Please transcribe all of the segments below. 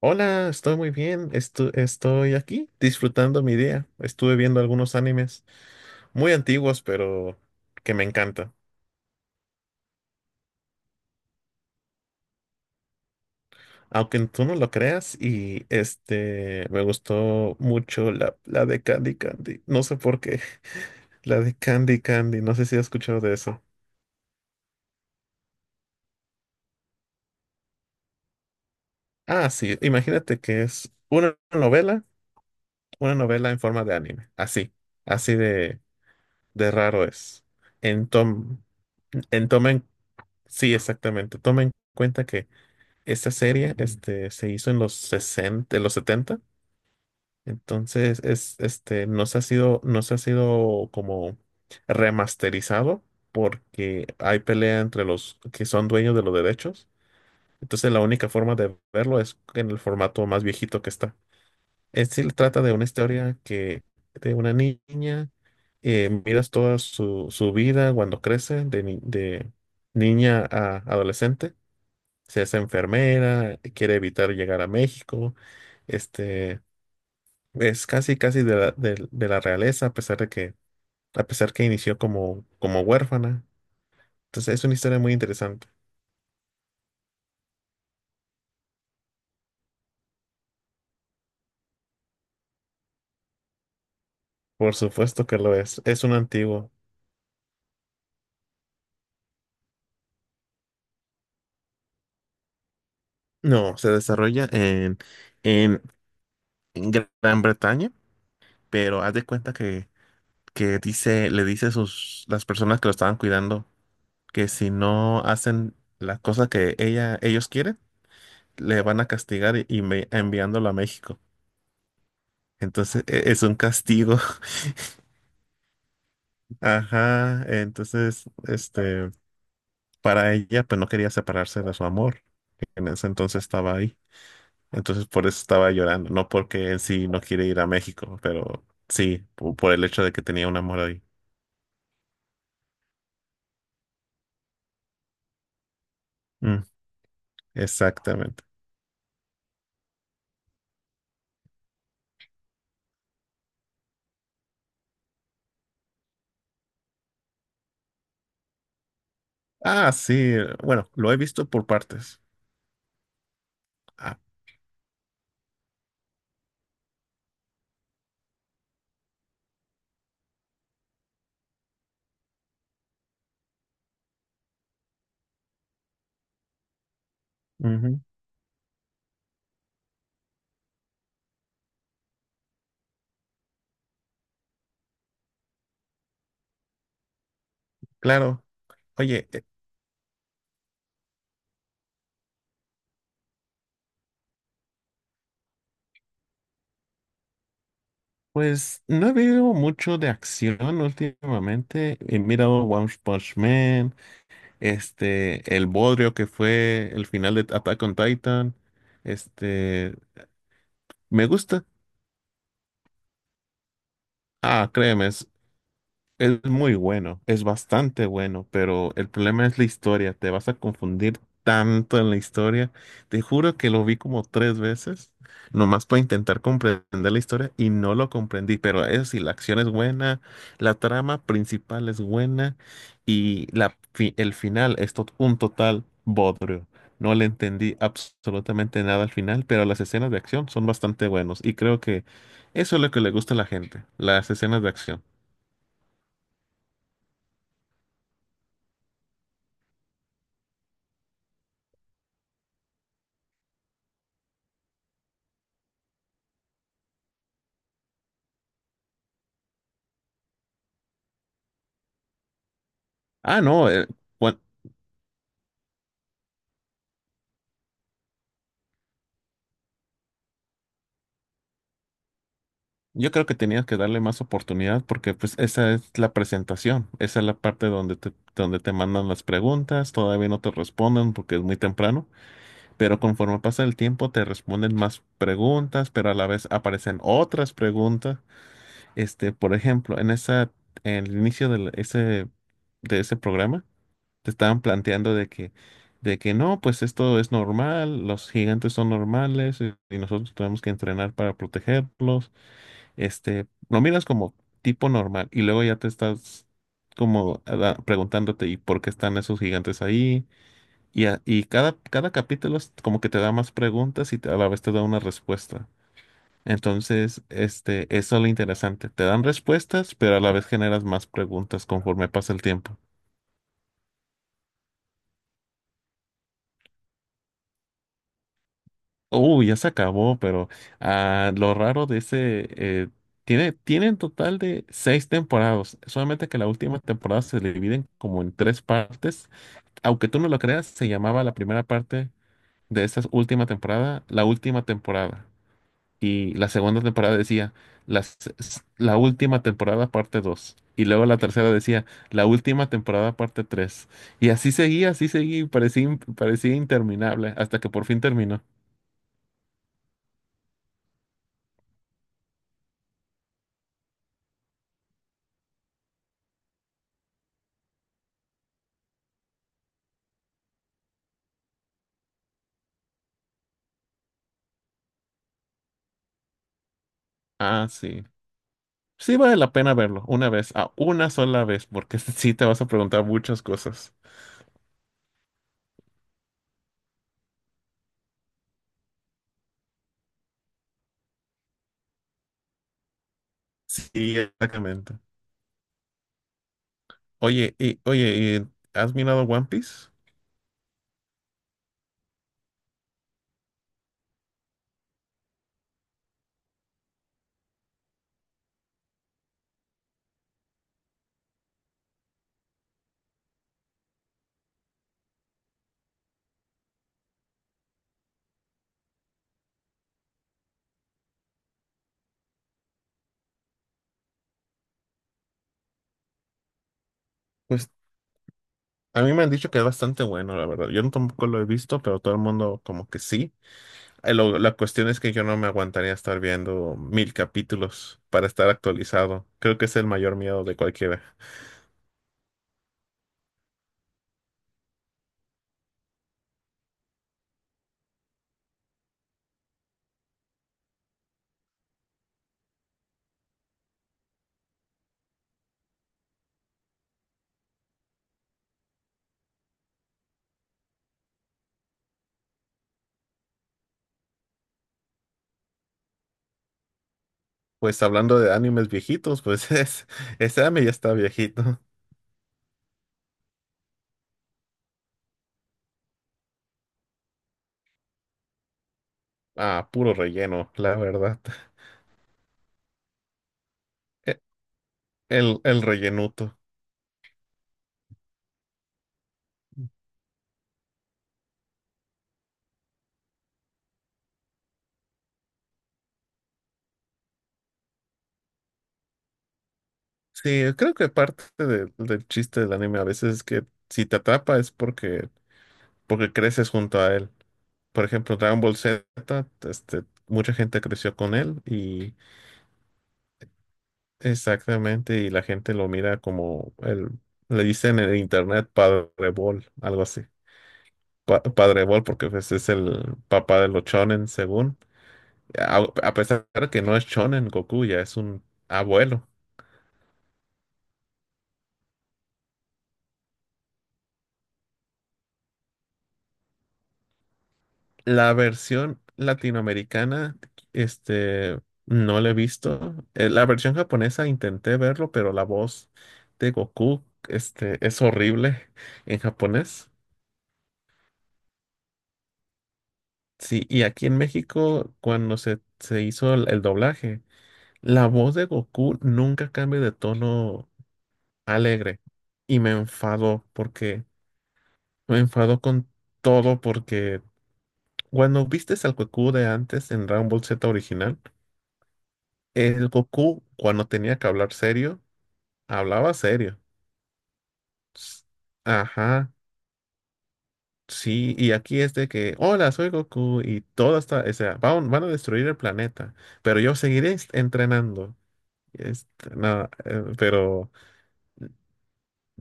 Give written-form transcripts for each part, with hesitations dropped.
Hola, estoy muy bien. Estoy aquí disfrutando mi día. Estuve viendo algunos animes muy antiguos, pero que me encantan. Aunque tú no lo creas, me gustó mucho la de Candy Candy. No sé por qué. La de Candy Candy. No sé si has escuchado de eso. Ah, sí. Imagínate que es una novela en forma de anime. Así, así de, de raro es. En tom, en tomen, Sí, exactamente. Tomen en cuenta que esta serie, se hizo en los sesenta, en los setenta, entonces es, no se ha sido como remasterizado porque hay pelea entre los que son dueños de los derechos. Entonces la única forma de verlo es en el formato más viejito que está. En sí trata de una historia que de una niña. Miras toda su vida cuando crece, de, de niña a adolescente, se hace enfermera, quiere evitar llegar a México. Este es casi casi de de la realeza, a pesar de que, a pesar que inició como, como huérfana. Entonces es una historia muy interesante. Por supuesto que lo es. Es un antiguo. No, se desarrolla en, en Gran Bretaña, pero haz de cuenta que dice, le dice a sus, las personas que lo estaban cuidando, que si no hacen la cosa que ella, ellos quieren, le van a castigar enviándolo a México. Entonces, es un castigo. Ajá. Entonces, para ella, pues no quería separarse de su amor. En ese entonces estaba ahí. Entonces, por eso estaba llorando. No porque en sí no quiere ir a México, pero sí, el hecho de que tenía un amor ahí. Mm, exactamente. Ah, sí. Bueno, lo he visto por partes. Ah, ujú, claro. Oye, pues no he visto mucho de acción últimamente. He mirado One Punch Man, el bodrio que fue el final de Attack on Titan. este, Me gusta. Ah, créeme, es muy bueno, es bastante bueno, pero el problema es la historia. Te vas a confundir tanto en la historia. Te juro que lo vi como tres veces, nomás para intentar comprender la historia, y no lo comprendí. Pero eso sí, la acción es buena, la trama principal es buena, y el final es un total bodrio. No le entendí absolutamente nada al final, pero las escenas de acción son bastante buenas y creo que eso es lo que le gusta a la gente, las escenas de acción. Ah, no, bueno, yo creo que tenías que darle más oportunidad, porque pues esa es la presentación, esa es la parte donde donde te mandan las preguntas, todavía no te responden porque es muy temprano, pero conforme pasa el tiempo te responden más preguntas, pero a la vez aparecen otras preguntas. Por ejemplo, en el inicio de de ese programa, te estaban planteando de que no, pues esto es normal, los gigantes son normales, y nosotros tenemos que entrenar para protegerlos. Lo miras como tipo normal y luego ya te estás como preguntándote y por qué están esos gigantes ahí. Y cada capítulo es como que te da más preguntas y a la vez te da una respuesta. Entonces, eso es lo interesante. Te dan respuestas, pero a la vez generas más preguntas conforme pasa el tiempo. Uy, ya se acabó, pero ah, lo raro de ese, tiene en total de seis temporadas, solamente que la última temporada se divide como en tres partes. Aunque tú no lo creas, se llamaba la primera parte de esta última temporada, la última temporada. Y la segunda temporada decía, la última temporada parte dos. Y luego la tercera decía, la última temporada parte tres. Y así seguía, y parecía, parecía interminable, hasta que por fin terminó. Ah, sí. Sí vale la pena verlo, una vez, a una sola vez, porque sí te vas a preguntar muchas cosas. Sí, exactamente. Oye, y ¿has mirado One Piece? Pues a mí me han dicho que es bastante bueno, la verdad. Yo no- Tampoco lo he visto, pero todo el mundo como que sí. La cuestión es que yo no me aguantaría estar viendo mil capítulos para estar actualizado. Creo que es el mayor miedo de cualquiera. Pues hablando de animes viejitos, pues es, ese anime ya está viejito. Ah, puro relleno, la verdad. E- el rellenuto. Sí, creo que parte del chiste del anime a veces es que si te atrapa es porque, porque creces junto a él. Por ejemplo, Dragon Ball Z, mucha gente creció con él. Y exactamente, y la gente lo mira como el, le dicen en el internet Padre Ball, algo así. Padre Ball, porque pues es el papá de los shonen, según. A, a pesar de que no es shonen, Goku ya es un abuelo. La versión latinoamericana, este, no la he visto. La versión japonesa intenté verlo, pero la voz de Goku, es horrible en japonés. Sí, y aquí en México, cuando se hizo el doblaje, la voz de Goku nunca cambia de tono alegre. Y me enfadó porque me enfadó con todo, porque cuando viste al Goku de antes en Dragon Ball Z original, el Goku, cuando tenía que hablar serio, hablaba serio. S- Ajá, sí, y aquí es de que, hola, soy Goku, y todo está, o sea, van, van a destruir el planeta, pero yo seguiré entrenando. Este, nada, pero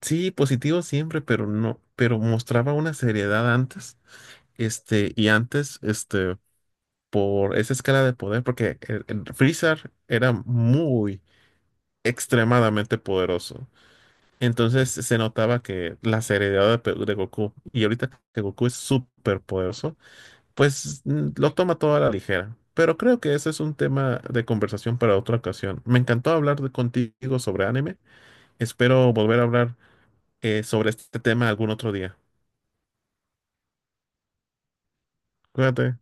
sí, positivo siempre, pero no, pero mostraba una seriedad antes, y antes, por esa escala de poder, porque el Freezer era muy, extremadamente poderoso. Entonces se notaba que la seriedad de, de Goku, y ahorita que Goku es súper poderoso, pues mm, lo toma todo a la ligera. Pero creo que ese es un tema de conversación para otra ocasión. Me encantó hablar contigo sobre anime. Espero volver a hablar sobre este tema algún otro día. Cuídate.